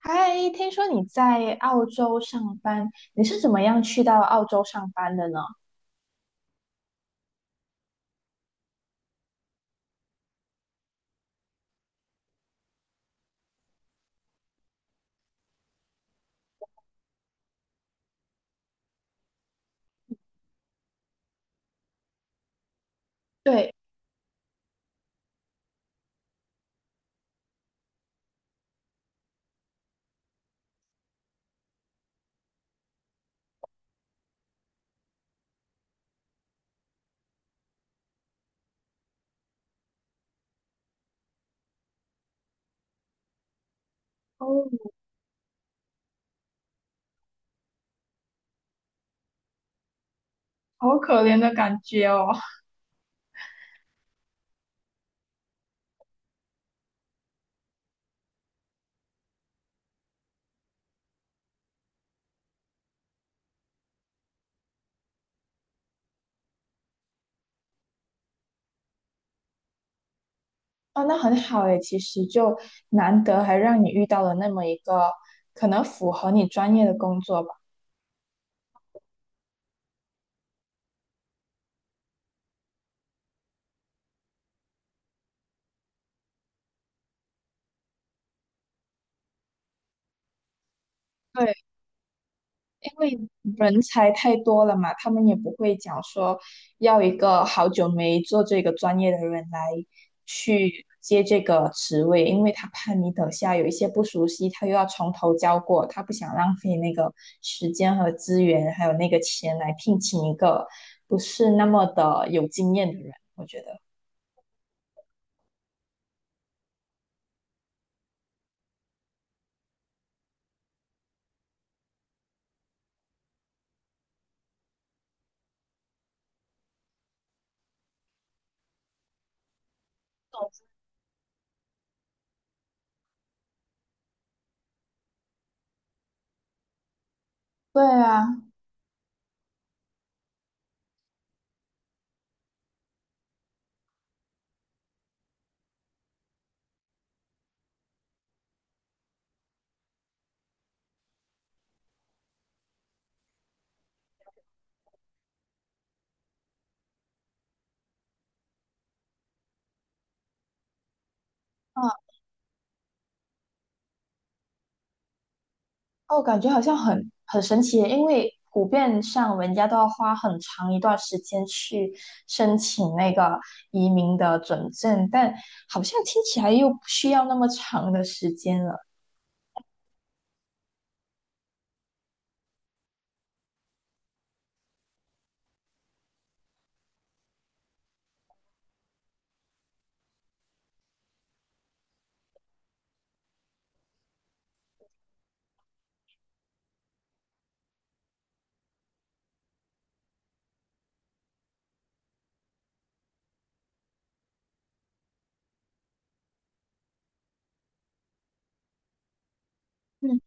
嗨，听说你在澳洲上班，你是怎么样去到澳洲上班的呢？对。哦，好可怜的感觉哦。哦，那很好诶，其实就难得还让你遇到了那么一个可能符合你专业的工作吧。对。因为人才太多了嘛，他们也不会讲说要一个好久没做这个专业的人来去接这个职位，因为他怕你等下有一些不熟悉，他又要从头教过，他不想浪费那个时间和资源，还有那个钱来聘请一个不是那么的有经验的人，我觉得。对啊。嗯。哦，感觉好像很神奇耶，因为普遍上人家都要花很长一段时间去申请那个移民的准证，但好像听起来又不需要那么长的时间了。嗯。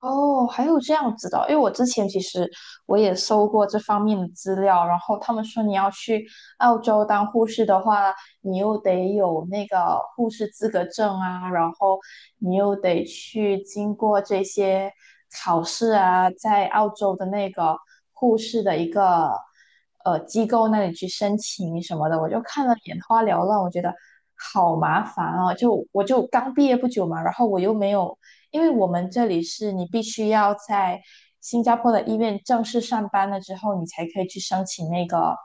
哦，还有这样子的哦，因为我之前其实我也搜过这方面的资料，然后他们说你要去澳洲当护士的话，你又得有那个护士资格证啊，然后你又得去经过这些考试啊，在澳洲的那个护士的一个机构那里去申请什么的，我就看了眼花缭乱，我觉得好麻烦啊，就我就刚毕业不久嘛，然后我又没有，因为我们这里是你必须要在新加坡的医院正式上班了之后，你才可以去申请那个，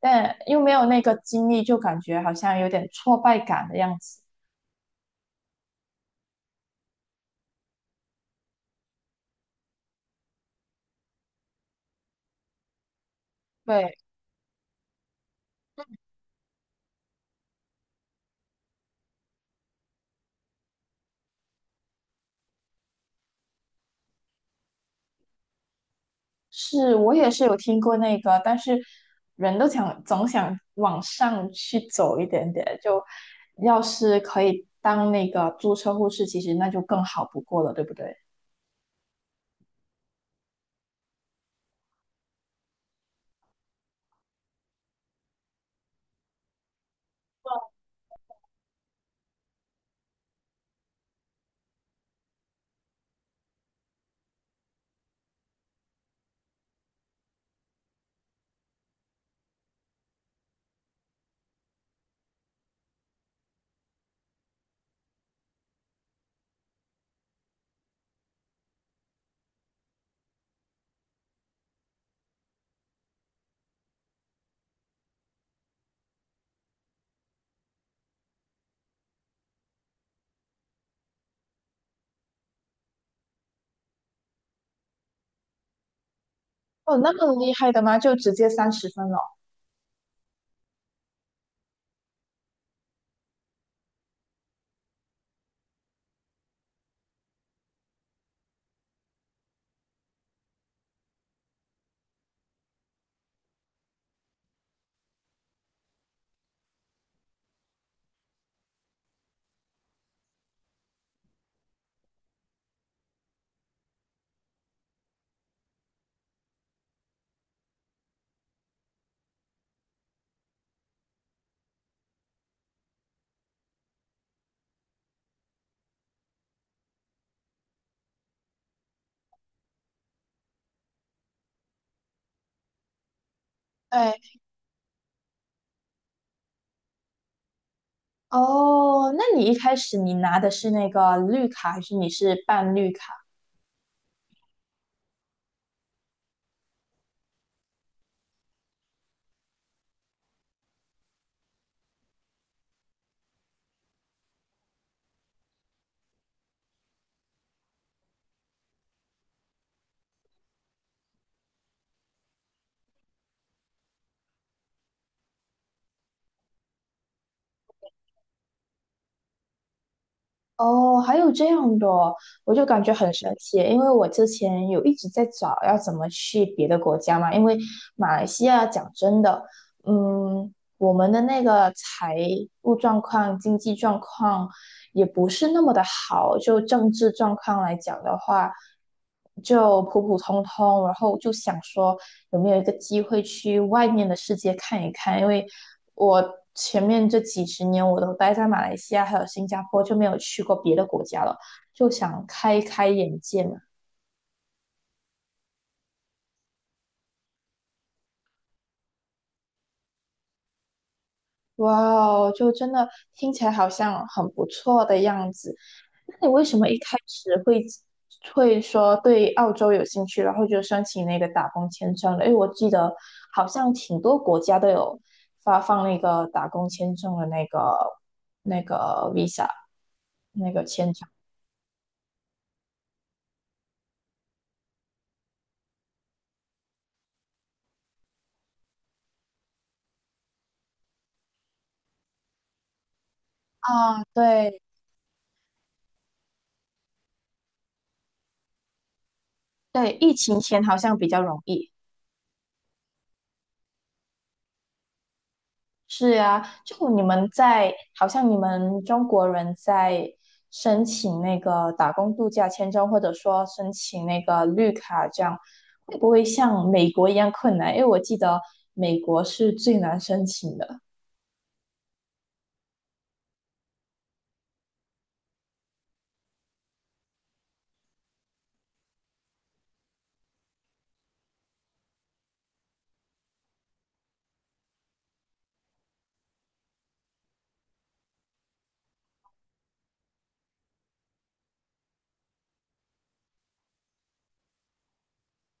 但又没有那个经历，就感觉好像有点挫败感的样子。对，是，我也是有听过那个，但是人都想总想往上去走一点点，就要是可以当那个注册护士，其实那就更好不过了，对不对？哦，那么厉害的吗？就直接30分了。哦，那你一开始你拿的是那个绿卡，还是你是办绿卡？哦，还有这样的哦，我就感觉很神奇，因为我之前有一直在找要怎么去别的国家嘛，因为马来西亚讲真的，嗯，我们的那个财务状况、经济状况也不是那么的好，就政治状况来讲的话，就普普通通，然后就想说，有没有一个机会去外面的世界看一看？因为我前面这几十年我都待在马来西亚还有新加坡，就没有去过别的国家了，就想开开眼界嘛。哇哦，就真的听起来好像很不错的样子。那你为什么一开始会说对澳洲有兴趣，然后就申请那个打工签证了？因为我记得好像挺多国家都有发放那个打工签证的那个那个签证。啊，对对，疫情前好像比较容易。是啊，就你们在，好像你们中国人在申请那个打工度假签证，或者说申请那个绿卡，这样会不会像美国一样困难？因为我记得美国是最难申请的。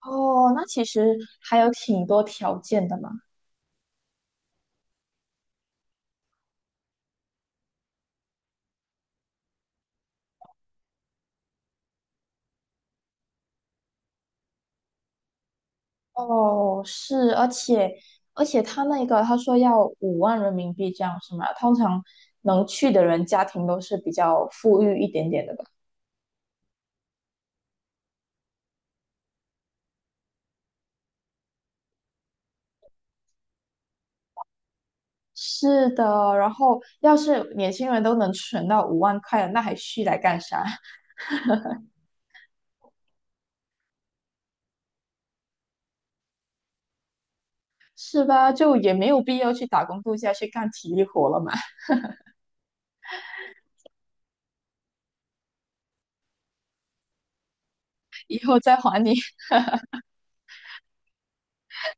哦，那其实还有挺多条件的嘛。哦，是，而且他那个他说要5万人民币这样是吗？通常能去的人家庭都是比较富裕一点点的吧。是的，然后要是年轻人都能存到五万块了，那还去来干啥？是吧？就也没有必要去打工度假去干体力活了嘛。以后再还你。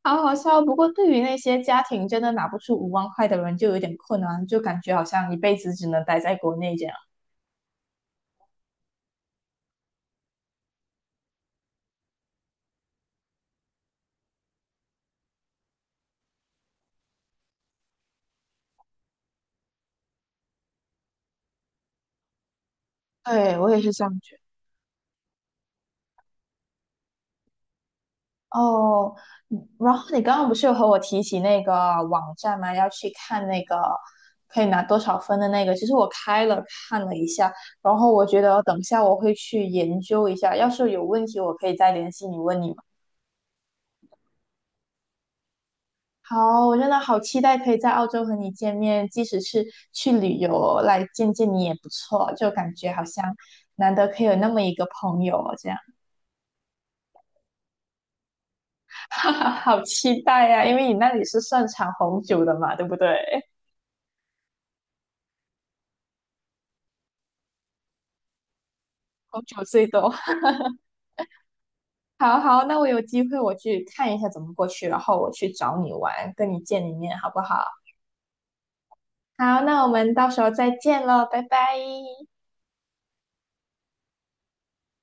好好笑，不过对于那些家庭真的拿不出五万块的人，就有点困难，就感觉好像一辈子只能待在国内这样。对，我也是这样觉哦。嗯，然后你刚刚不是有和我提起那个网站吗？要去看那个可以拿多少分的那个。其实我开了看了一下，然后我觉得等一下我会去研究一下。要是有问题，我可以再联系你问你嘛。好，我真的好期待可以在澳洲和你见面，即使是去旅游来见见你也不错，就感觉好像难得可以有那么一个朋友哦这样。哈哈，好期待呀、因为你那里是盛产红酒的嘛，对不对？红酒最多。好好，那我有机会我去看一下怎么过去，然后我去找你玩，跟你见一面，好不好？好，那我们到时候再见喽，拜拜。